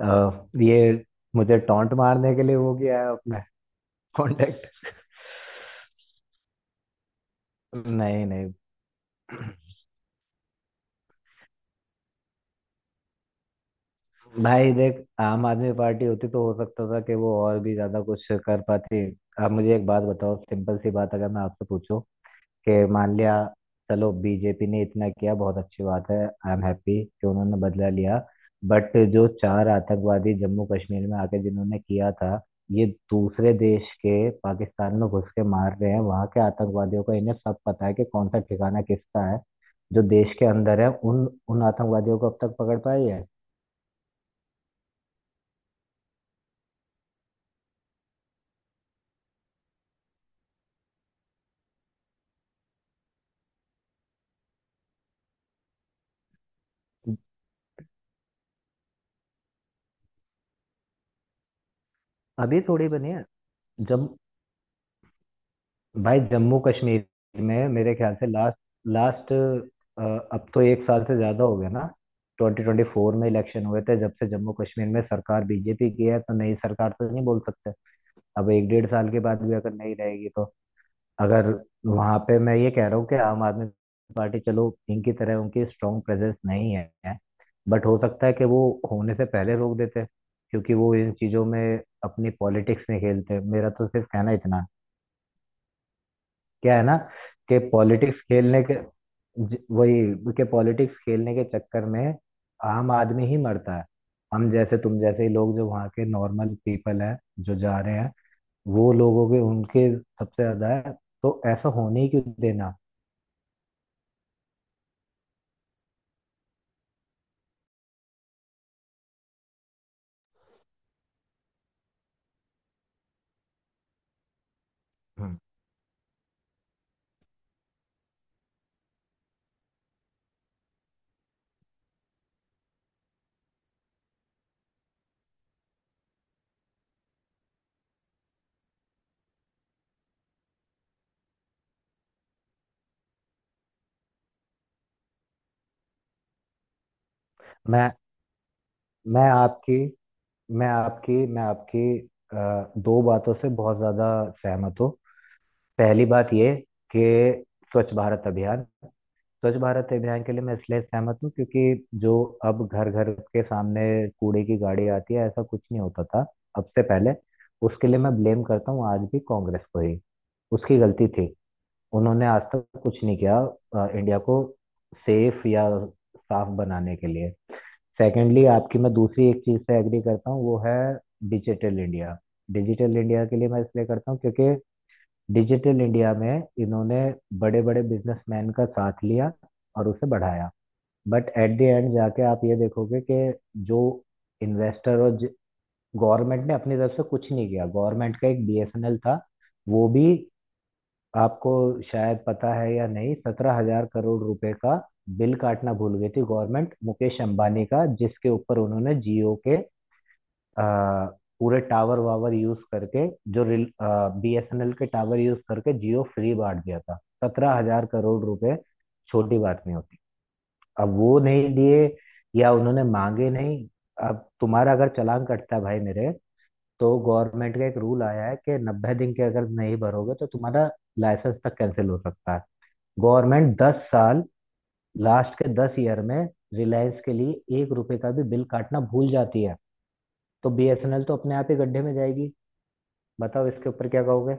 अ, ये मुझे टॉन्ट मारने के लिए वो किया है अपने कांटेक्ट। नहीं नहीं। भाई देख, आम आदमी पार्टी होती तो हो सकता था कि वो और भी ज्यादा कुछ कर पाती। अब मुझे एक बात बताओ, सिंपल सी बात, अगर मैं आपसे पूछूं कि मान लिया, चलो, बीजेपी ने इतना किया, बहुत अच्छी बात है, आई एम हैप्पी कि उन्होंने बदला लिया। बट जो चार आतंकवादी जम्मू कश्मीर में आके जिन्होंने किया था, ये दूसरे देश के पाकिस्तान में घुस के मार रहे हैं वहां के आतंकवादियों को, इन्हें सब पता है कि कौन सा ठिकाना किसका है। जो देश के अंदर है उन उन आतंकवादियों को अब तक पकड़ पाई है? अभी थोड़ी बनी है। जब भाई जम्मू कश्मीर में मेरे ख्याल से लास्ट लास्ट अब तो एक साल से ज्यादा हो गया ना। 2024 में इलेक्शन हुए थे, जब से जम्मू कश्मीर में सरकार बीजेपी की है, तो नई सरकार तो नहीं बोल सकते। अब एक 1.5 साल के बाद भी अगर नहीं रहेगी तो? अगर वहां पे मैं ये कह रहा हूँ कि आम आदमी पार्टी, चलो, इनकी तरह उनकी स्ट्रॉन्ग प्रेजेंस नहीं है, बट हो सकता है कि वो होने से पहले रोक देते, क्योंकि वो इन चीजों में अपनी पॉलिटिक्स में खेलते। मेरा तो सिर्फ कहना इतना, क्या है ना, कि पॉलिटिक्स खेलने के, वही के पॉलिटिक्स खेलने के चक्कर में आम आदमी ही मरता है। हम जैसे तुम जैसे ही लोग जो वहाँ के नॉर्मल पीपल हैं, जो जा रहे हैं, वो लोगों के उनके सबसे ज्यादा है। तो ऐसा होने ही क्यों देना? हम्म। मैं मैं आपकी मैं आपकी दो बातों से बहुत ज्यादा सहमत हूँ। पहली बात ये कि स्वच्छ भारत अभियान, स्वच्छ भारत अभियान के लिए मैं इसलिए सहमत हूँ, क्योंकि जो अब घर घर के सामने कूड़े की गाड़ी आती है, ऐसा कुछ नहीं होता था अब से पहले। उसके लिए मैं ब्लेम करता हूँ आज भी कांग्रेस को ही। उसकी गलती थी, उन्होंने आज तक कुछ नहीं किया इंडिया को सेफ या साफ बनाने के लिए। सेकेंडली, आपकी मैं दूसरी एक चीज से एग्री करता हूँ, वो है डिजिटल इंडिया। डिजिटल इंडिया के लिए मैं इसलिए करता हूँ क्योंकि डिजिटल इंडिया में इन्होंने बड़े बड़े बिजनेसमैन का साथ लिया और उसे बढ़ाया। बट एट द एंड जाके आप ये देखोगे कि जो इन्वेस्टर और गवर्नमेंट ने अपनी तरफ से कुछ नहीं किया। गवर्नमेंट का एक बीएसएनएल था, वो भी आपको शायद पता है या नहीं, 17,000 करोड़ रुपए का बिल काटना भूल गई थी गवर्नमेंट, मुकेश अंबानी का, जिसके ऊपर उन्होंने जियो के अ, पूरे टावर वावर यूज करके, जो बीएसएनएल के टावर यूज करके, जियो फ्री बांट दिया था। 17,000 करोड़ रुपए, छोटी बात नहीं होती। अब वो नहीं दिए या उन्होंने मांगे नहीं। अब तुम्हारा अगर चालान कटता है भाई मेरे, तो गवर्नमेंट का एक रूल आया है कि 90 दिन के अगर नहीं भरोगे तो तुम्हारा लाइसेंस तक कैंसिल हो सकता है। गवर्नमेंट 10 साल, लास्ट के 10 ईयर में, रिलायंस के लिए एक रुपए का भी बिल काटना भूल जाती है। तो बीएसएनएल तो अपने आप ही गड्ढे में जाएगी। बताओ, इसके ऊपर क्या कहोगे?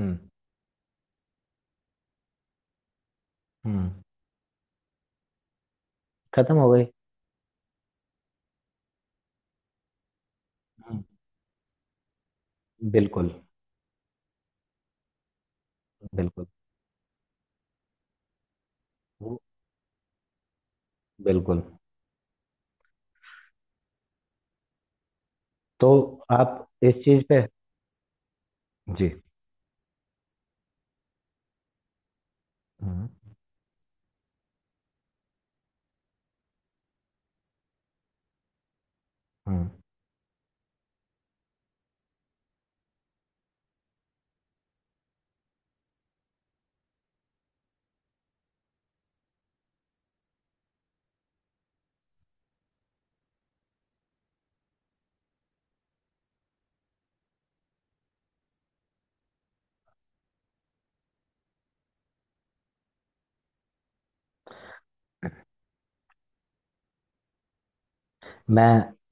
हम्म। हम्म। खत्म हो गई। हम्म। बिल्कुल। बिल्कुल। वो- बिल्कुल। तो आप इस चीज पे। जी। हम्म। हम्म। मैं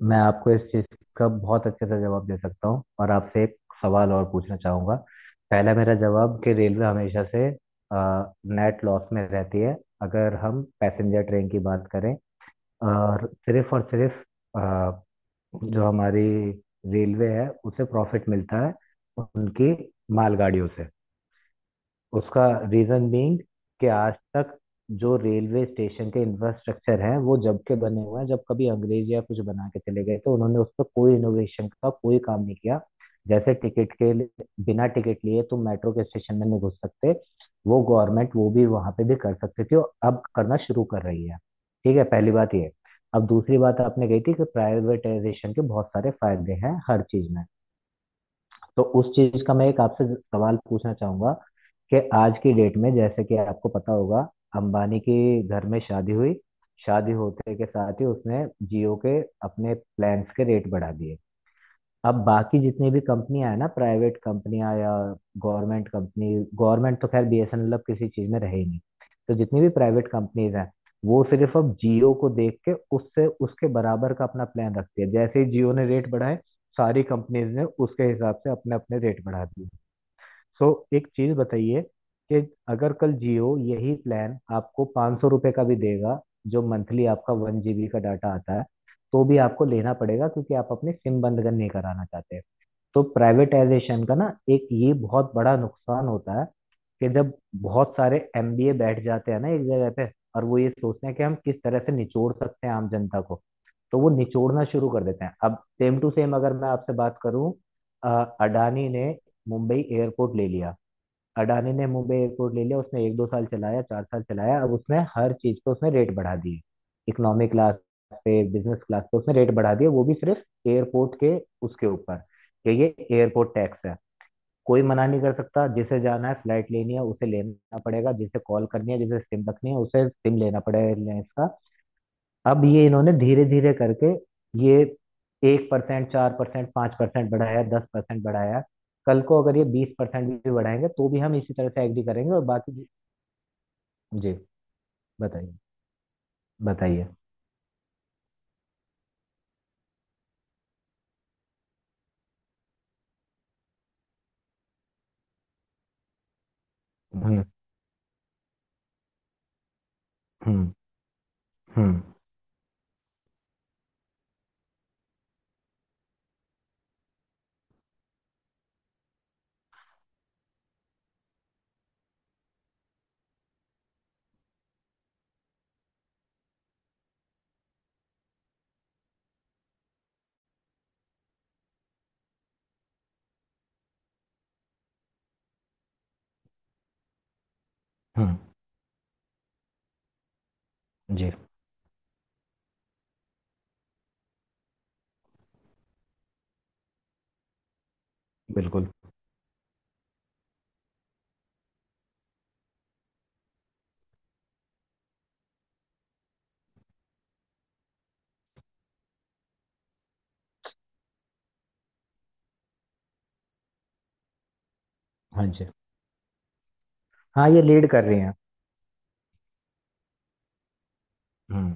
मैं आपको इस चीज का बहुत अच्छे से जवाब दे सकता हूँ, और आपसे एक सवाल और पूछना चाहूंगा। पहला मेरा जवाब कि रेलवे हमेशा से नेट लॉस में रहती है अगर हम पैसेंजर ट्रेन की बात करें, और सिर्फ जो हमारी रेलवे है उसे प्रॉफिट मिलता है उनकी मालगाड़ियों से। उसका रीजन बीइंग कि आज तक जो रेलवे स्टेशन के इंफ्रास्ट्रक्चर है वो जब के बने हुए हैं जब कभी अंग्रेज या कुछ बना के चले गए, तो उन्होंने उस पर कोई इनोवेशन का कोई काम नहीं किया। जैसे टिकट के लिए, बिना टिकट लिए तुम मेट्रो के स्टेशन में नहीं घुस सकते। वो गवर्नमेंट वो भी वहां पे भी कर सकती थी और अब करना शुरू कर रही है। ठीक है, पहली बात ये। अब दूसरी बात आपने कही थी कि प्राइवेटाइजेशन के बहुत सारे फायदे हैं हर चीज में, तो उस चीज का मैं एक आपसे सवाल पूछना चाहूंगा कि आज की डेट में, जैसे कि आपको पता होगा, अंबानी के घर में शादी हुई। शादी होते के साथ ही उसने जियो के अपने प्लान्स के रेट बढ़ा दिए। अब बाकी जितनी भी कंपनियां हैं ना, प्राइवेट कंपनियां या गवर्नमेंट कंपनी, गवर्नमेंट तो खैर बीएसएनएल अब किसी चीज में रहे ही नहीं, तो जितनी भी प्राइवेट कंपनीज हैं वो सिर्फ अब जियो को देख के उससे उसके बराबर का अपना प्लान रखती है। जैसे ही जियो ने रेट बढ़ाए, सारी कंपनीज ने उसके हिसाब से अपने अपने रेट बढ़ा दिए। सो एक चीज बताइए कि अगर कल जियो यही प्लान आपको 500 सौ रुपये का भी देगा, जो मंथली आपका 1 GB का डाटा आता है, तो भी आपको लेना पड़ेगा, क्योंकि आप अपनी सिम बंद नहीं कराना चाहते। तो प्राइवेटाइजेशन का ना एक ये बहुत बड़ा नुकसान होता है कि जब बहुत सारे एमबीए बैठ जाते हैं ना एक जगह पे, और वो ये सोचते हैं कि हम किस तरह से निचोड़ सकते हैं आम जनता को, तो वो निचोड़ना शुरू कर देते हैं। अब सेम टू सेम अगर मैं आपसे बात करूं, अ, अडानी ने मुंबई एयरपोर्ट ले लिया। अडानी ने मुंबई एयरपोर्ट ले लिया, उसने एक दो साल चलाया, चार साल चलाया, अब उसने हर चीज पे उसने रेट बढ़ा दिए। इकोनॉमिक क्लास पे, बिजनेस क्लास पे, उसने रेट बढ़ा दिए। वो भी सिर्फ एयरपोर्ट के, उसके ऊपर कि ये एयरपोर्ट टैक्स है। कोई मना नहीं कर सकता, जिसे जाना है फ्लाइट लेनी है उसे लेना पड़ेगा, जिसे कॉल करनी है जिसे सिम रखनी है उसे सिम लेना पड़ेगा एयरलाइंस का। अब ये इन्होंने धीरे धीरे करके ये 1%, 4%, 5% बढ़ाया, 10% बढ़ाया। कल को अगर ये 20% भी बढ़ाएंगे तो भी हम इसी तरह से एग्री करेंगे, और बाकी जी। जी, बताइए। बताइए। हम्म। हम्म। हम्म। हम्म। जी। बिल्कुल। हाँ जी। हाँ, ये लीड कर रही हैं। हम्म।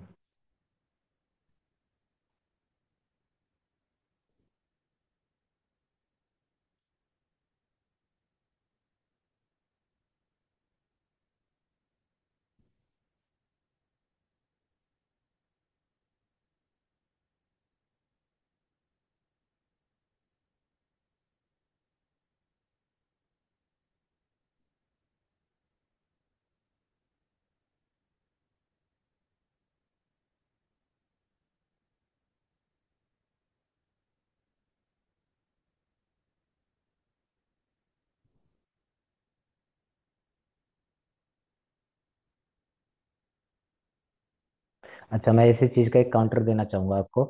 अच्छा, मैं इसी चीज का एक काउंटर देना चाहूंगा आपको।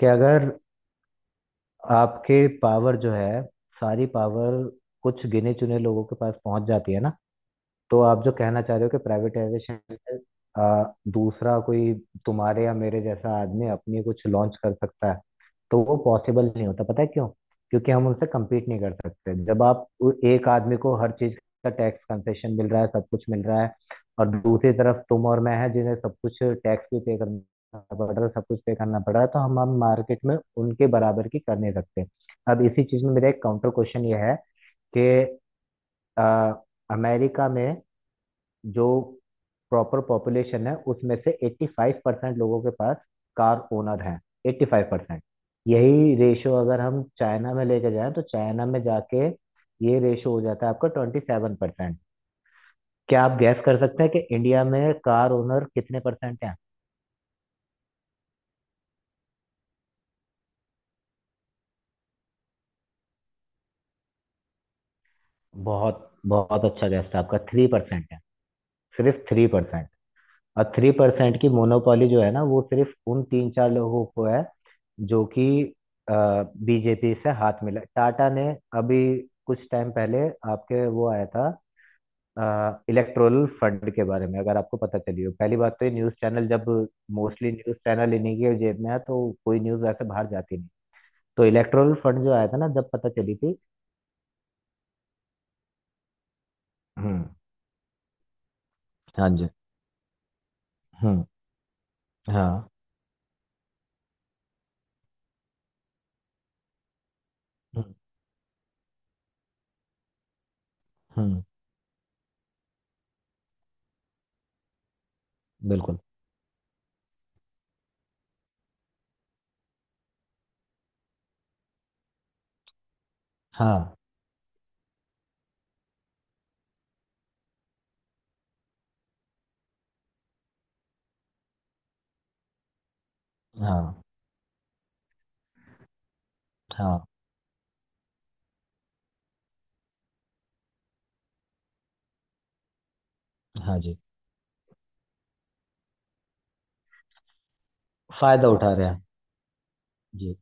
कि अगर आपके पावर जो है, सारी पावर, कुछ गिने चुने लोगों के पास पहुंच जाती है ना, तो आप जो कहना चाह रहे हो कि प्राइवेटाइजेशन में दूसरा कोई तुम्हारे या मेरे जैसा आदमी अपनी कुछ लॉन्च कर सकता है, तो वो पॉसिबल नहीं होता। पता है क्यों? क्योंकि हम उनसे कम्पीट नहीं कर सकते। जब आप एक आदमी को हर चीज का टैक्स कंसेशन मिल रहा है, सब कुछ मिल रहा है, और दूसरी तरफ तुम और मैं हैं जिन्हें सब कुछ टैक्स भी पे करना पड़ रहा है, सब कुछ पे करना पड़ रहा है, तो हम मार्केट में उनके बराबर की कर नहीं सकते। अब इसी चीज में मेरा एक काउंटर क्वेश्चन ये है कि अ, अमेरिका में जो प्रॉपर पॉपुलेशन है उसमें से 85% लोगों के पास कार ओनर हैं। 85%। यही रेशो अगर हम चाइना में लेके जाएं, तो चाइना में जाके ये रेशो हो जाता है आपका 27%। क्या आप गैस कर सकते हैं कि इंडिया में कार ओनर कितने परसेंट हैं? बहुत बहुत अच्छा गैस था आपका। 3% है, सिर्फ 3%। और 3% की मोनोपोली जो है ना वो सिर्फ उन तीन चार लोगों को है, जो कि बीजेपी से हाथ मिला टाटा ने। अभी कुछ टाइम पहले आपके वो आया था इलेक्टोरल फंड के बारे में, अगर आपको पता चली हो। पहली बात तो ये न्यूज़ चैनल, जब मोस्टली न्यूज़ चैनल इन्हीं के जेब में है, तो कोई न्यूज़ ऐसे बाहर जाती नहीं। तो इलेक्टोरल फंड जो आया था ना, जब पता चली थी। हम्म। हाँ जी। हम्म। हाँ। हम्म। हम्म। बिल्कुल। हाँ। हाँ। हाँ। हाँ जी। फायदा उठा रहे हैं। जी।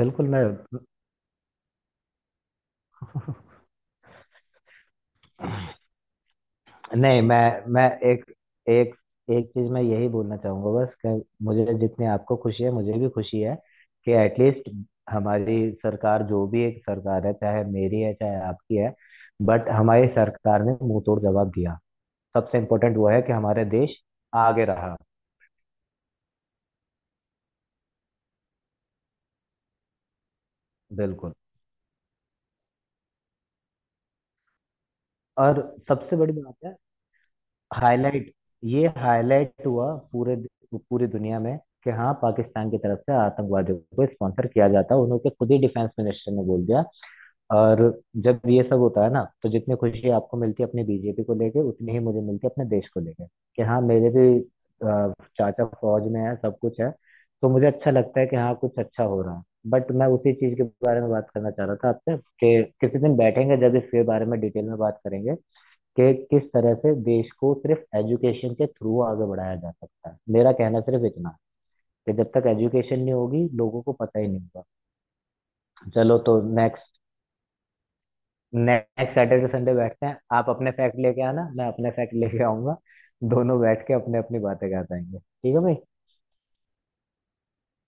बिल्कुल। मैं। नहीं, मैं एक एक एक चीज मैं यही बोलना चाहूंगा बस, कि मुझे जितनी आपको खुशी है मुझे भी खुशी है, कि एटलीस्ट हमारी सरकार, जो भी एक सरकार है चाहे मेरी है चाहे आपकी है, बट हमारी सरकार ने मुंह तोड़ जवाब दिया। सबसे इम्पोर्टेंट वो है कि हमारे देश आगे रहा। बिल्कुल। और सबसे बड़ी बात है हाईलाइट, ये हाईलाइट हुआ पूरे, पूरी दुनिया में, कि हाँ पाकिस्तान की तरफ से आतंकवादियों को स्पॉन्सर किया जाता है। उन्होंने खुद ही डिफेंस मिनिस्टर ने बोल दिया। और जब ये सब होता है ना, तो जितनी खुशी आपको मिलती है अपने बीजेपी को लेके, उतनी ही मुझे मिलती है अपने देश को लेके, कि हाँ मेरे भी चाचा फौज में है, सब कुछ है। तो मुझे अच्छा लगता है कि हाँ कुछ अच्छा हो रहा है। बट मैं उसी चीज के बारे में बात करना चाह रहा था आपसे कि किसी दिन बैठेंगे जब इसके बारे में डिटेल में बात करेंगे, कि किस तरह से देश को सिर्फ एजुकेशन के थ्रू आगे बढ़ाया जा सकता है। मेरा कहना सिर्फ इतना है कि जब तक एजुकेशन नहीं होगी, लोगों को पता ही नहीं होगा। चलो, तो नेक्स्ट, सैटरडे संडे बैठते हैं। आप अपने फैक्ट लेके आना, मैं अपने फैक्ट लेके आऊंगा, दोनों बैठ के अपने अपनी बातें कर पाएंगे, ठीक है भाई।